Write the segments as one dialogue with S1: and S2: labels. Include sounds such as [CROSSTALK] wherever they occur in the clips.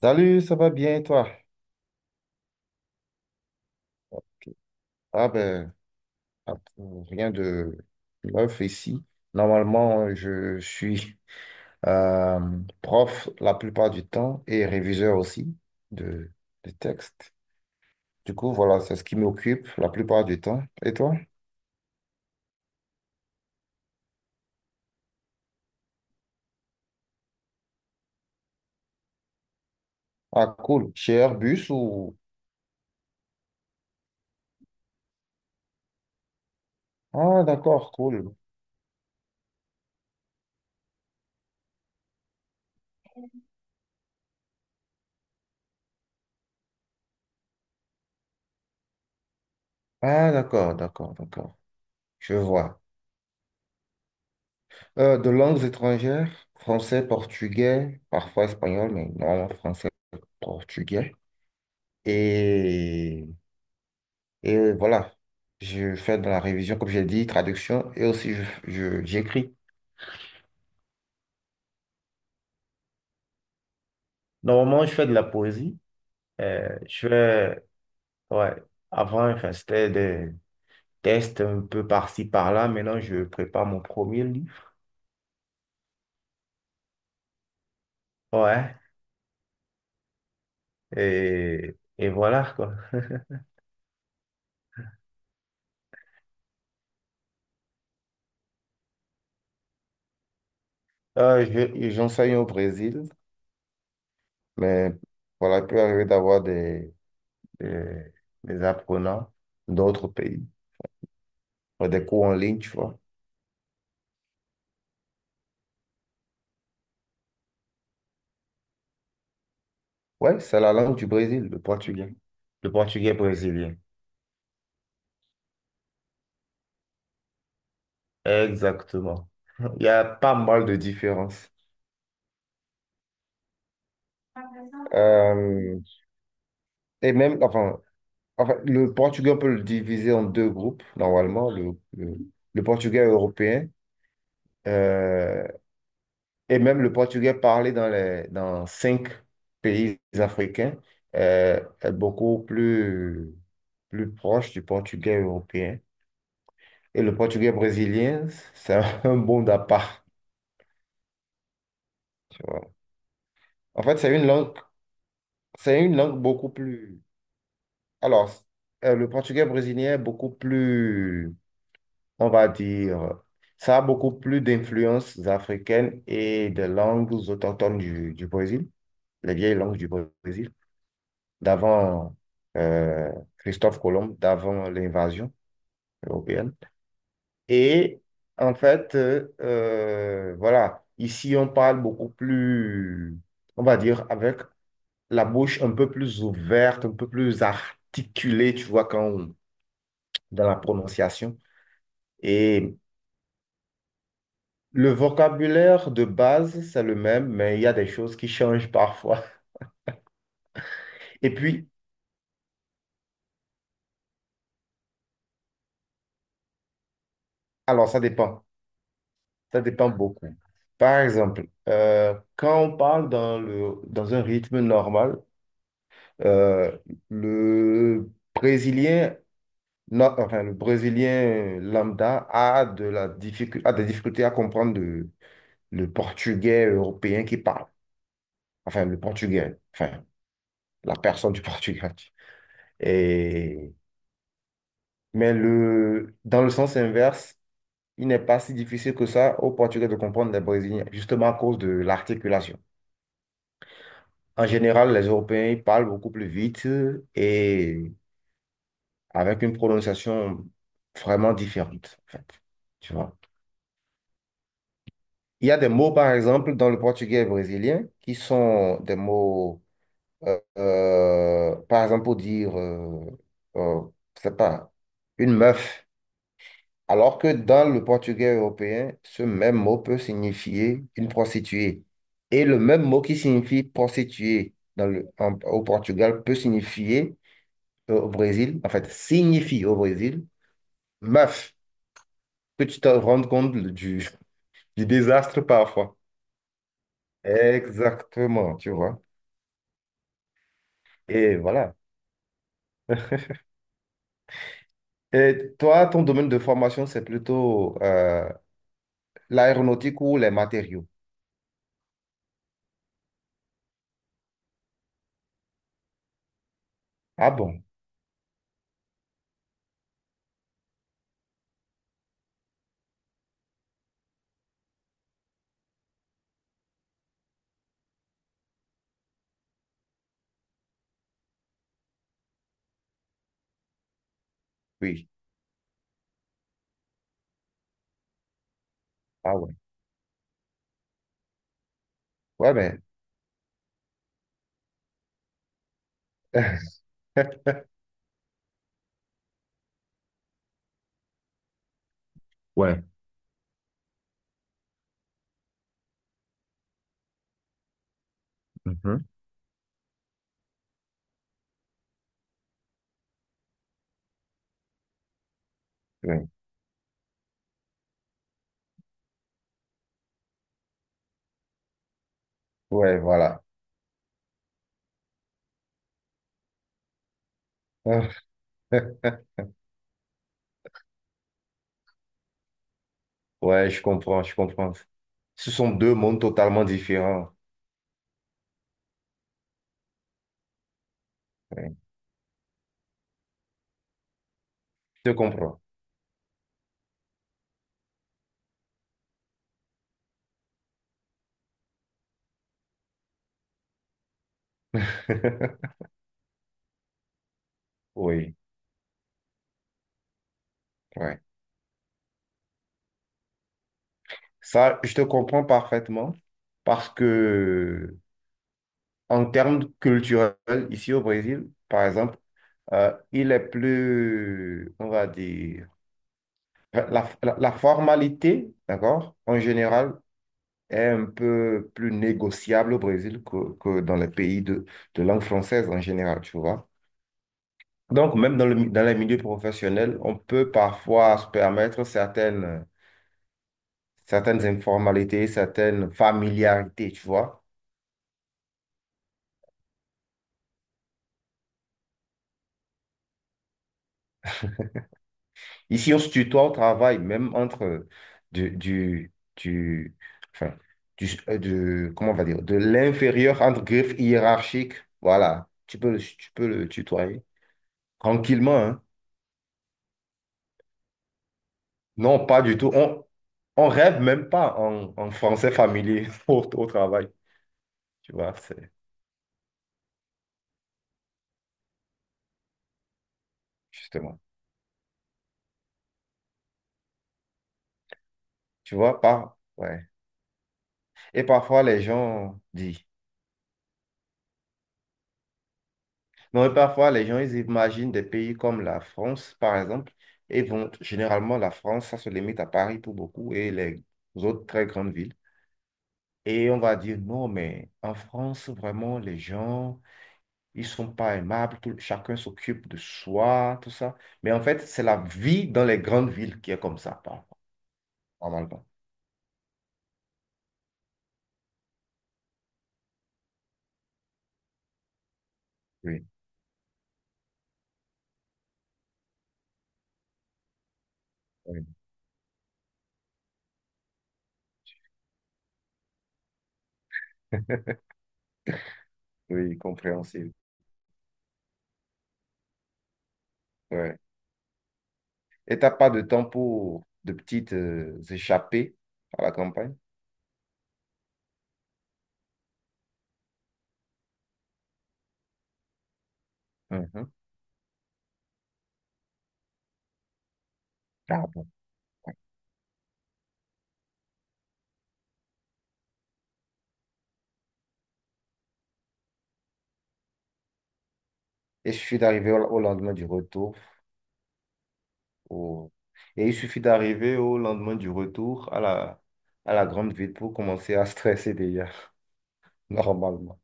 S1: Salut, ça va bien et toi? Ah ben, ah, rien de neuf ici. Normalement, je suis euh, prof la plupart du temps et réviseur aussi de, de textes. Du coup, voilà, c'est ce qui m'occupe la plupart du temps. Et toi? Ah, cool. Chez Airbus ou... Ah, d'accord, cool. Ah, d'accord, d'accord, d'accord. Je vois. De langues étrangères, français, portugais, parfois espagnol, mais normalement français, portugais. Et, et voilà, je fais de la révision, comme j'ai dit, traduction, et aussi j'écris. Normalement, je fais de la poésie. Euh, je fais, ouais, avant, enfin, c'était des tests un peu par-ci, par-là. Maintenant, je prépare mon premier livre. Ouais, et voilà, quoi. J'enseigne au Brésil, mais voilà, il peut arriver d'avoir des, des apprenants d'autres pays, des cours en ligne, tu vois. Ouais, c'est la langue du Brésil, le portugais. Le portugais brésilien. Exactement. [LAUGHS] Il y a pas mal de différences. Euh, et même, le portugais, on peut le diviser en deux groupes, normalement, le portugais européen euh, et même le portugais parlé dans dans cinq pays africains est beaucoup plus, plus proche du portugais européen. Et le portugais brésilien, c'est un [LAUGHS] monde à part. En fait, c'est une langue beaucoup plus. Alors, le portugais brésilien est beaucoup plus, on va dire, ça a beaucoup plus d'influences africaines et de langues autochtones du Brésil, les vieilles langues du Brésil, d'avant euh, Christophe Colomb, d'avant l'invasion européenne. Et en fait, voilà, ici, on parle beaucoup plus, on va dire, avec la bouche un peu plus ouverte, un peu plus articulée, tu vois, dans la prononciation. Et le vocabulaire de base, c'est le même, mais il y a des choses qui changent parfois. Et puis, alors, ça dépend. Ça dépend beaucoup. Par exemple, quand on parle dans un rythme normal, euh, le Brésilien, no- enfin, le Brésilien lambda a de la difficulté, a des difficultés à comprendre le portugais européen qui parle. Enfin le Portugais, enfin la personne du [LAUGHS] Portugal. Et, mais le, dans le sens inverse, il n'est pas si difficile que ça aux Portugais de comprendre les Brésiliens, justement à cause de l'articulation. En général, les Européens ils parlent beaucoup plus vite et avec une prononciation vraiment différente, en fait. Tu vois. Il y a des mots, par exemple, dans le portugais brésilien qui sont des mots, par exemple, pour dire, euh, je sais pas, une meuf. Alors que dans le portugais européen, ce même mot peut signifier une prostituée. Et le même mot qui signifie prostituée au Portugal peut signifier au Brésil, en fait, signifie au Brésil, meuf, que tu te rendes compte [LAUGHS] du désastre parfois. Exactement, tu vois. Et voilà. Et toi, ton domaine de formation, c'est plutôt l'aéronautique ou les matériaux. Ah bon? Oui. Ah ouais. Ouais, mais. [LAUGHS] Ouais. Mhm. Ouais. Ouais, voilà. [LAUGHS] Ouais, je comprends, je comprends. Ce sont deux mondes totalement différents. Ouais, je te comprends. [LAUGHS] Oui, ouais. Ça, je te comprends parfaitement parce que en termes culturels, ici au Brésil, par exemple, il est plus, on va dire, la, la formalité, d'accord, en général, est un peu plus négociable au Brésil que dans les pays de langue française en général, tu vois. Donc, même dans les milieux professionnels, on peut parfois se permettre certaines, certaines informalités, certaines familiarités, tu vois. Ici, on se tutoie au travail, même entre du, enfin, du- comment on va dire, de l'inférieur entre griffes hiérarchiques. Voilà, tu peux le tutoyer tranquillement, hein. Non, pas du tout. On rêve même pas en français familier [LAUGHS] au travail, tu vois, c'est justement, tu vois, pas. Ouais. Et parfois, les gens disent, non, et parfois, les gens, ils imaginent des pays comme la France, par exemple, et vont, généralement, la France, ça se limite à Paris pour beaucoup et les autres très grandes villes. Et on va dire, non, mais en France, vraiment, les gens, ils sont pas aimables, chacun s'occupe de soi, tout ça. Mais en fait, c'est la vie dans les grandes villes qui est comme ça, parfois, normalement. Oui, oui, [LAUGHS] oui, compréhensible. Ouais. Et t'as pas de temps pour de petites échappées à la campagne? Mhm. Ah bon. Et il suffit d'arriver au lendemain du retour. Au... Et il suffit d'arriver au lendemain du retour à la grande ville pour commencer à stresser déjà, [LAUGHS] normalement.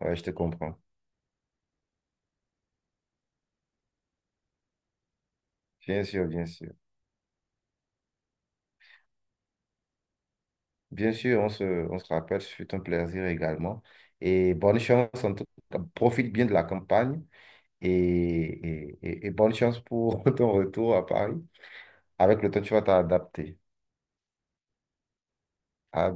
S1: Ouais, je te comprends. Bien sûr, bien sûr. Bien sûr, on se rappelle, ce fut un plaisir également. Et bonne chance, en tout cas, profite bien de la campagne et et bonne chance pour [LAUGHS] ton retour à Paris. Avec le temps, tu vas t'adapter. À